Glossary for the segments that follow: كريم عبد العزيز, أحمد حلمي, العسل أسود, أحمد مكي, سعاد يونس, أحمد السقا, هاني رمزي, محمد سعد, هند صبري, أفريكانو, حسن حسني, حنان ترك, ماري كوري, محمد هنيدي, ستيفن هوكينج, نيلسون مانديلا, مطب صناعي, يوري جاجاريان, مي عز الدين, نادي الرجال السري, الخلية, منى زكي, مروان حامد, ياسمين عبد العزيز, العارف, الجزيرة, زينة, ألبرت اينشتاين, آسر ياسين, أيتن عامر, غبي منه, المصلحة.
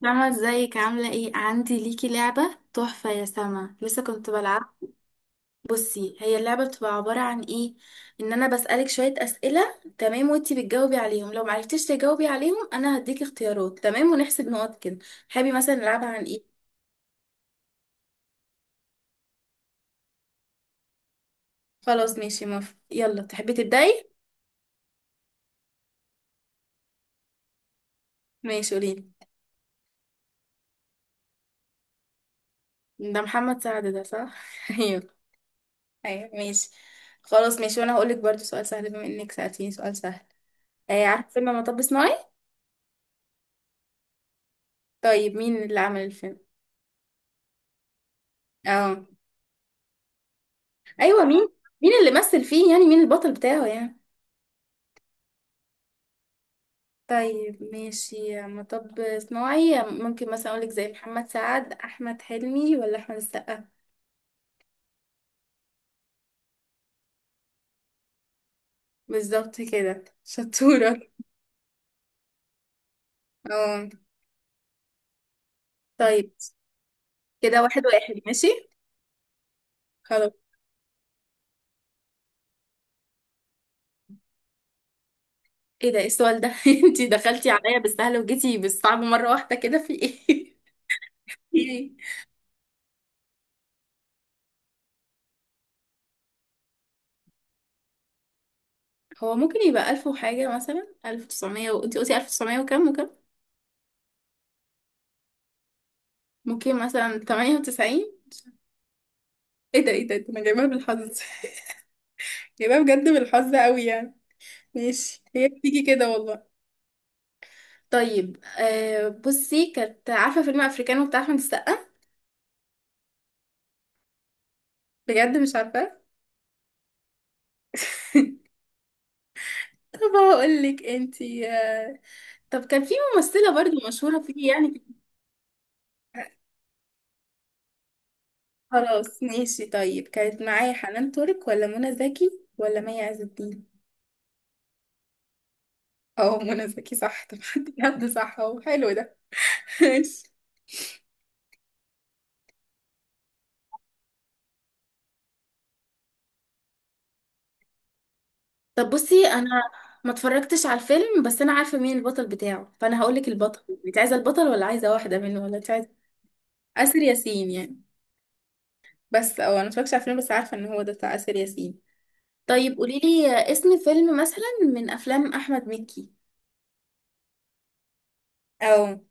سما ازيك عاملة ايه؟ عندي ليكي لعبة تحفة يا سما، لسه كنت بلعب. بصي، هي اللعبة بتبقى عبارة عن ايه؟ ان انا بسألك شوية اسئلة، تمام؟ وانتي بتجاوبي عليهم، لو معرفتيش تجاوبي عليهم انا هديكي اختيارات، تمام؟ ونحسب نقط كده. تحبي مثلا نلعبها عن ايه؟ خلاص ماشي، موافقة. يلا تحبي تبدأي؟ ماشي قوليلي. ده محمد سعد، ده صح. ايوه. ايوه ماشي. خلاص ماشي، وانا هقولك برضو سؤال سهل بما انك سألتيني سؤال سهل. آه، عارفة فيلم مطب صناعي؟ طيب مين اللي عمل الفيلم؟ اه. ايوه مين؟ مين اللي مثل فيه؟ يعني مين البطل بتاعه يعني. طيب ماشي، مطب صناعي، ممكن مثلا اقولك زي محمد سعد، احمد حلمي ولا احمد السقا؟ بالظبط كده، شطورة. اه طيب. كده واحد واحد، ماشي. خلاص. ايه ده؟ إيه السؤال ده؟ انتي دخلتي عليا بالسهل وجيتي بالصعب مرة واحدة كده، في ايه؟ ايه؟ هو ممكن يبقى ألف وحاجة، مثلا ألف وتسعمية، وانتي قلتي ألف وتسعمية وكام وكام. ممكن مثلا 98. ايه ده؟ ايه ده؟ إيه ده؟ انا جايبها بالحظ، يبقى بجد بالحظ قوي يعني. ماشي، هي بتيجي كده والله. طيب آه، بصي، كانت عارفة فيلم افريكانو بتاع احمد السقا؟ بجد مش عارفة؟ طب هقول لك انتي، طب كان في ممثلة برضو مشهورة فيه، يعني خلاص ماشي. طيب كانت معايا حنان ترك ولا منى زكي ولا مي عز الدين؟ اه، منى زكي صح. طب حد صح اهو، حلو ده. ماشي. طب بصي انا ما اتفرجتش على الفيلم بس انا عارفه مين البطل بتاعه، فانا هقول لك البطل، انت عايزه البطل ولا عايزه واحده منه ولا انت عايزه؟ آسر ياسين يعني. بس او انا ما اتفرجتش على الفيلم، بس عارفه ان هو ده بتاع آسر ياسين. طيب قولي لي اسم فيلم مثلا من افلام احمد مكي، او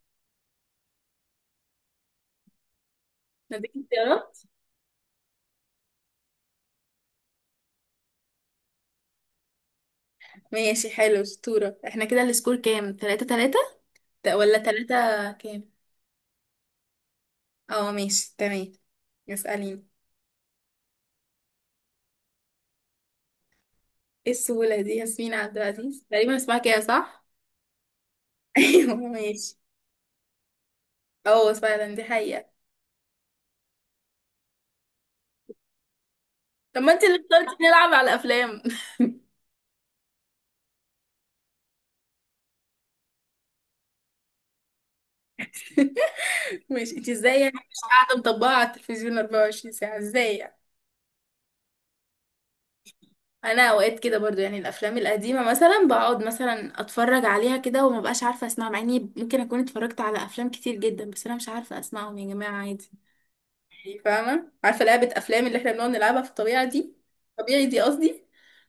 نديك اختيارات. ماشي حلو، اسطوره. احنا كده السكور كام، 3 3 ولا 3 كام؟ اه ماشي تمام. اساليني. ايه السهوله دي؟ ياسمين عبد العزيز، تقريبا اسمها كده صح. ايوه ماشي. اه فعلا، دي حقيقة. طب ما انت اللي اخترتي نلعب على الافلام. ماشي، انت ازاي يعني مش قاعدة مطبقة على التلفزيون 24 ساعة؟ ازاي يعني؟ انا اوقات كده برضو يعني، الافلام القديمة مثلا بقعد مثلا اتفرج عليها كده وما بقاش عارفة اسمعها، مع اني ممكن اكون اتفرجت على افلام كتير جدا، بس انا مش عارفة اسمعهم يا جماعة، عادي يعني، فاهمة؟ عارفة لعبة أفلام اللي احنا بنقعد نلعبها في الطبيعة دي، طبيعي دي قصدي.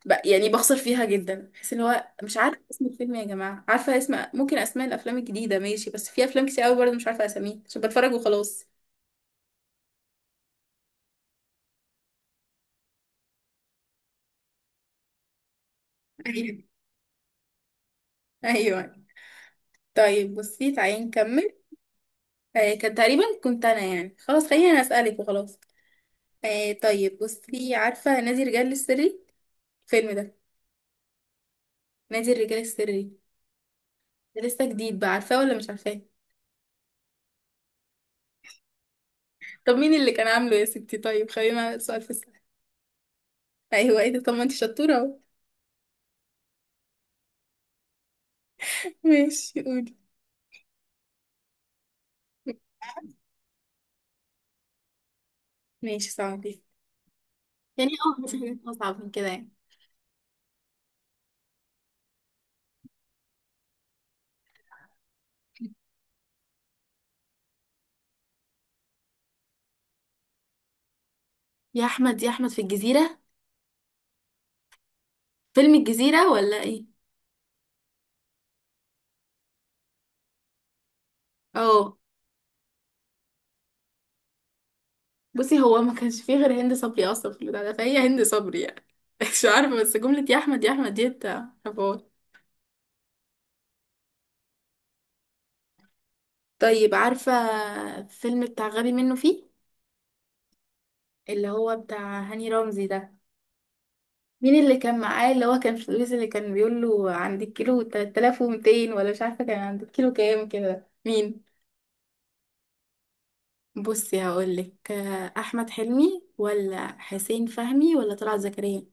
يعني بخسر فيها جدا، بحس اللي هو مش عارفة اسم الفيلم يا جماعة، عارفة اسم، ممكن أسماء الأفلام الجديدة ماشي، بس في أفلام كتير أوي برضه مش عارفة أساميها عشان بتفرج وخلاص. أيوه. أيوه. طيب بصي تعالي نكمل. آه كان تقريبا كنت أنا، يعني خلاص خليني أنا أسألك وخلاص. آه طيب بصي، عارفة نادي الرجال السري الفيلم ده؟ نادي الرجال السري، ده لسه جديد بقى، عارفاه ولا مش عارفاه؟ طب مين اللي كان عامله يا ستي؟ طيب خلينا سؤال في السؤال. ايوه، ايه ده، طب ما انت شطوره اهو. ماشي قولي. ماشي صعبي، يعني اه مش حاجات اصعب من كده يعني. يا احمد يا احمد في الجزيره، فيلم الجزيره ولا ايه؟ اه، بصي، هو ما كانش فيه غير هند صبري اصلا في البتاع ده، فهي هند صبري يعني. مش عارفه بس جمله يا احمد يا احمد ديت، حوار. طيب عارفه الفيلم بتاع غبي منه فيه، اللي هو بتاع هاني رمزي ده، مين اللي كان معاه؟ اللي هو كان في الويز، اللي كان بيقول له عندك كيلو 3200 ولا مش عارفه كان عندك كيلو كام كده، مين؟ بصي هقولك احمد حلمي ولا حسين فهمي ولا طلعت زكريا؟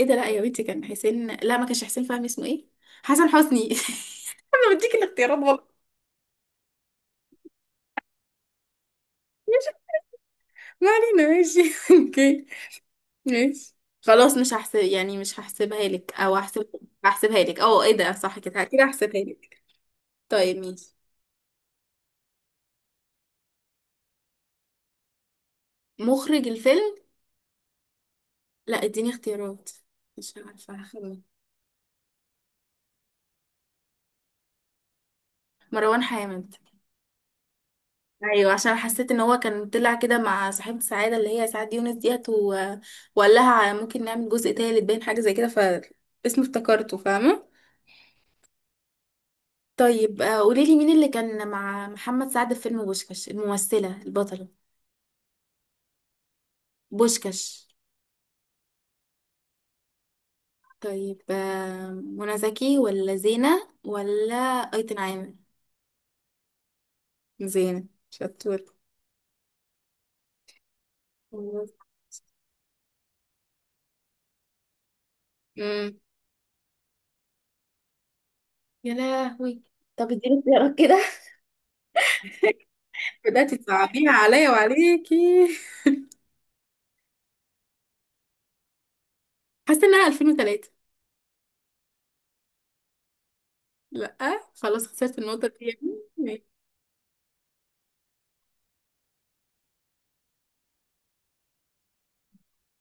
ايه ده؟ لا يا بنتي، كان حسين، لا ما كانش حسين فهمي، اسمه ايه؟ حسن حسني. انا بديك الاختيارات والله. ماشي، ما علينا ماشي. اوكي ماشي. خلاص مش هحسب يعني، مش هحسبها لك، او هحسب، هحسبها لك. اه ايه ده، صح، كده كده هحسبها لك. طيب ماشي. مخرج الفيلم؟ لا اديني اختيارات، مش عارفه، هخمن. مروان حامد. ايوه، عشان حسيت ان هو كان طلع كده مع صاحبة سعادة اللي هي سعاد يونس ديت، و... وقال لها ممكن نعمل جزء تالت، باين حاجة زي كده، فاسمه افتكرته، فاهمة. طيب قوليلي مين اللي كان مع محمد سعد في فيلم بوشكاش الممثلة البطلة؟ بوشكاش. طيب منى زكي ولا زينة ولا أيتن عامر؟ زينة، شطور. امم. يا لهوي. طب اديني اختيارات كده. بدأتي تصعبيها عليا وعليكي. حاسة انها 2003. لا. خلاص خسرت النقطة دي يا ابني.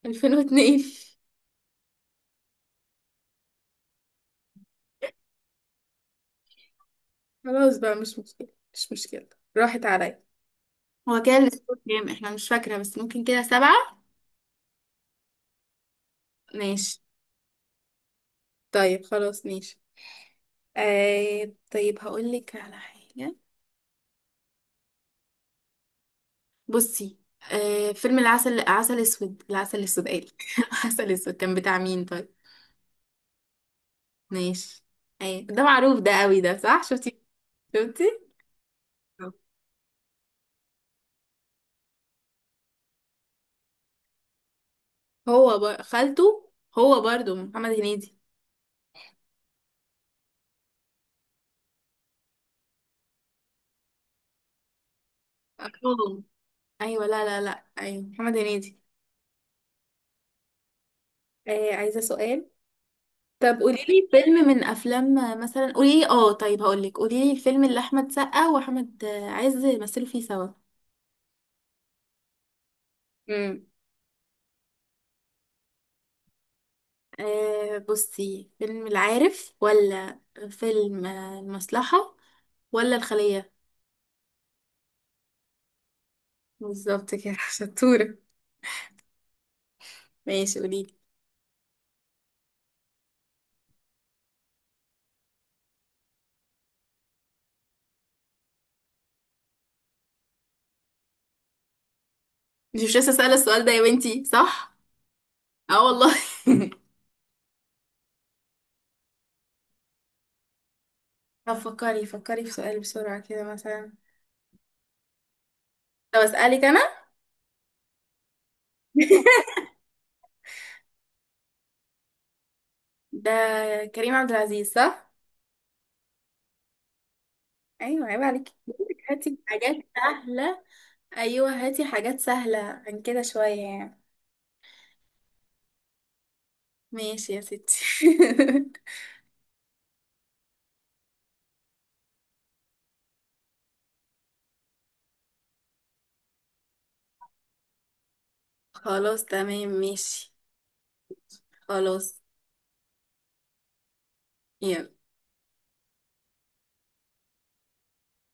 2002. خلاص بقى، مش مشكلة مش مشكلة. راحت عليا. هو كده السكور كام؟ احنا مش فاكرة، بس ممكن كده 7. ماشي. طيب خلاص ماشي. آه طيب هقول لك على حاجة، بصي، آه، فيلم العسل، عسل اسود، العسل اسود قال. العسل اسود، كان بتاع مين طيب؟ ماشي. ايه ده معروف ده قوي ده، صح، شفتي؟ شفتي. خالته، هو برضو محمد هنيدي. اه ايوه، لا لا لا، ايوه محمد هنيدي. آه عايزه سؤال. طب قولي لي فيلم من افلام مثلا، قولي لي، اه طيب هقول لك، قولي لي الفيلم اللي احمد سقا واحمد عز مثلوا فيه سوا. امم. آه بصي، فيلم العارف، ولا فيلم المصلحه، ولا الخليه؟ بالظبط كده. شطوره. ماشي قولي لي. مش لسه سأله السؤال ده يا بنتي، صح؟ اه والله. طب فكري فكري في سؤال بسرعه كده مثلا. طب اسالك انا. ده كريم عبد العزيز صح؟ ايوه، عيب عليك، بقولك هاتي حاجات سهلة. أيوة هاتي حاجات سهلة عن كده شوية يعني. ماشي يا ستي. خلاص تمام ماشي. خلاص. يلا.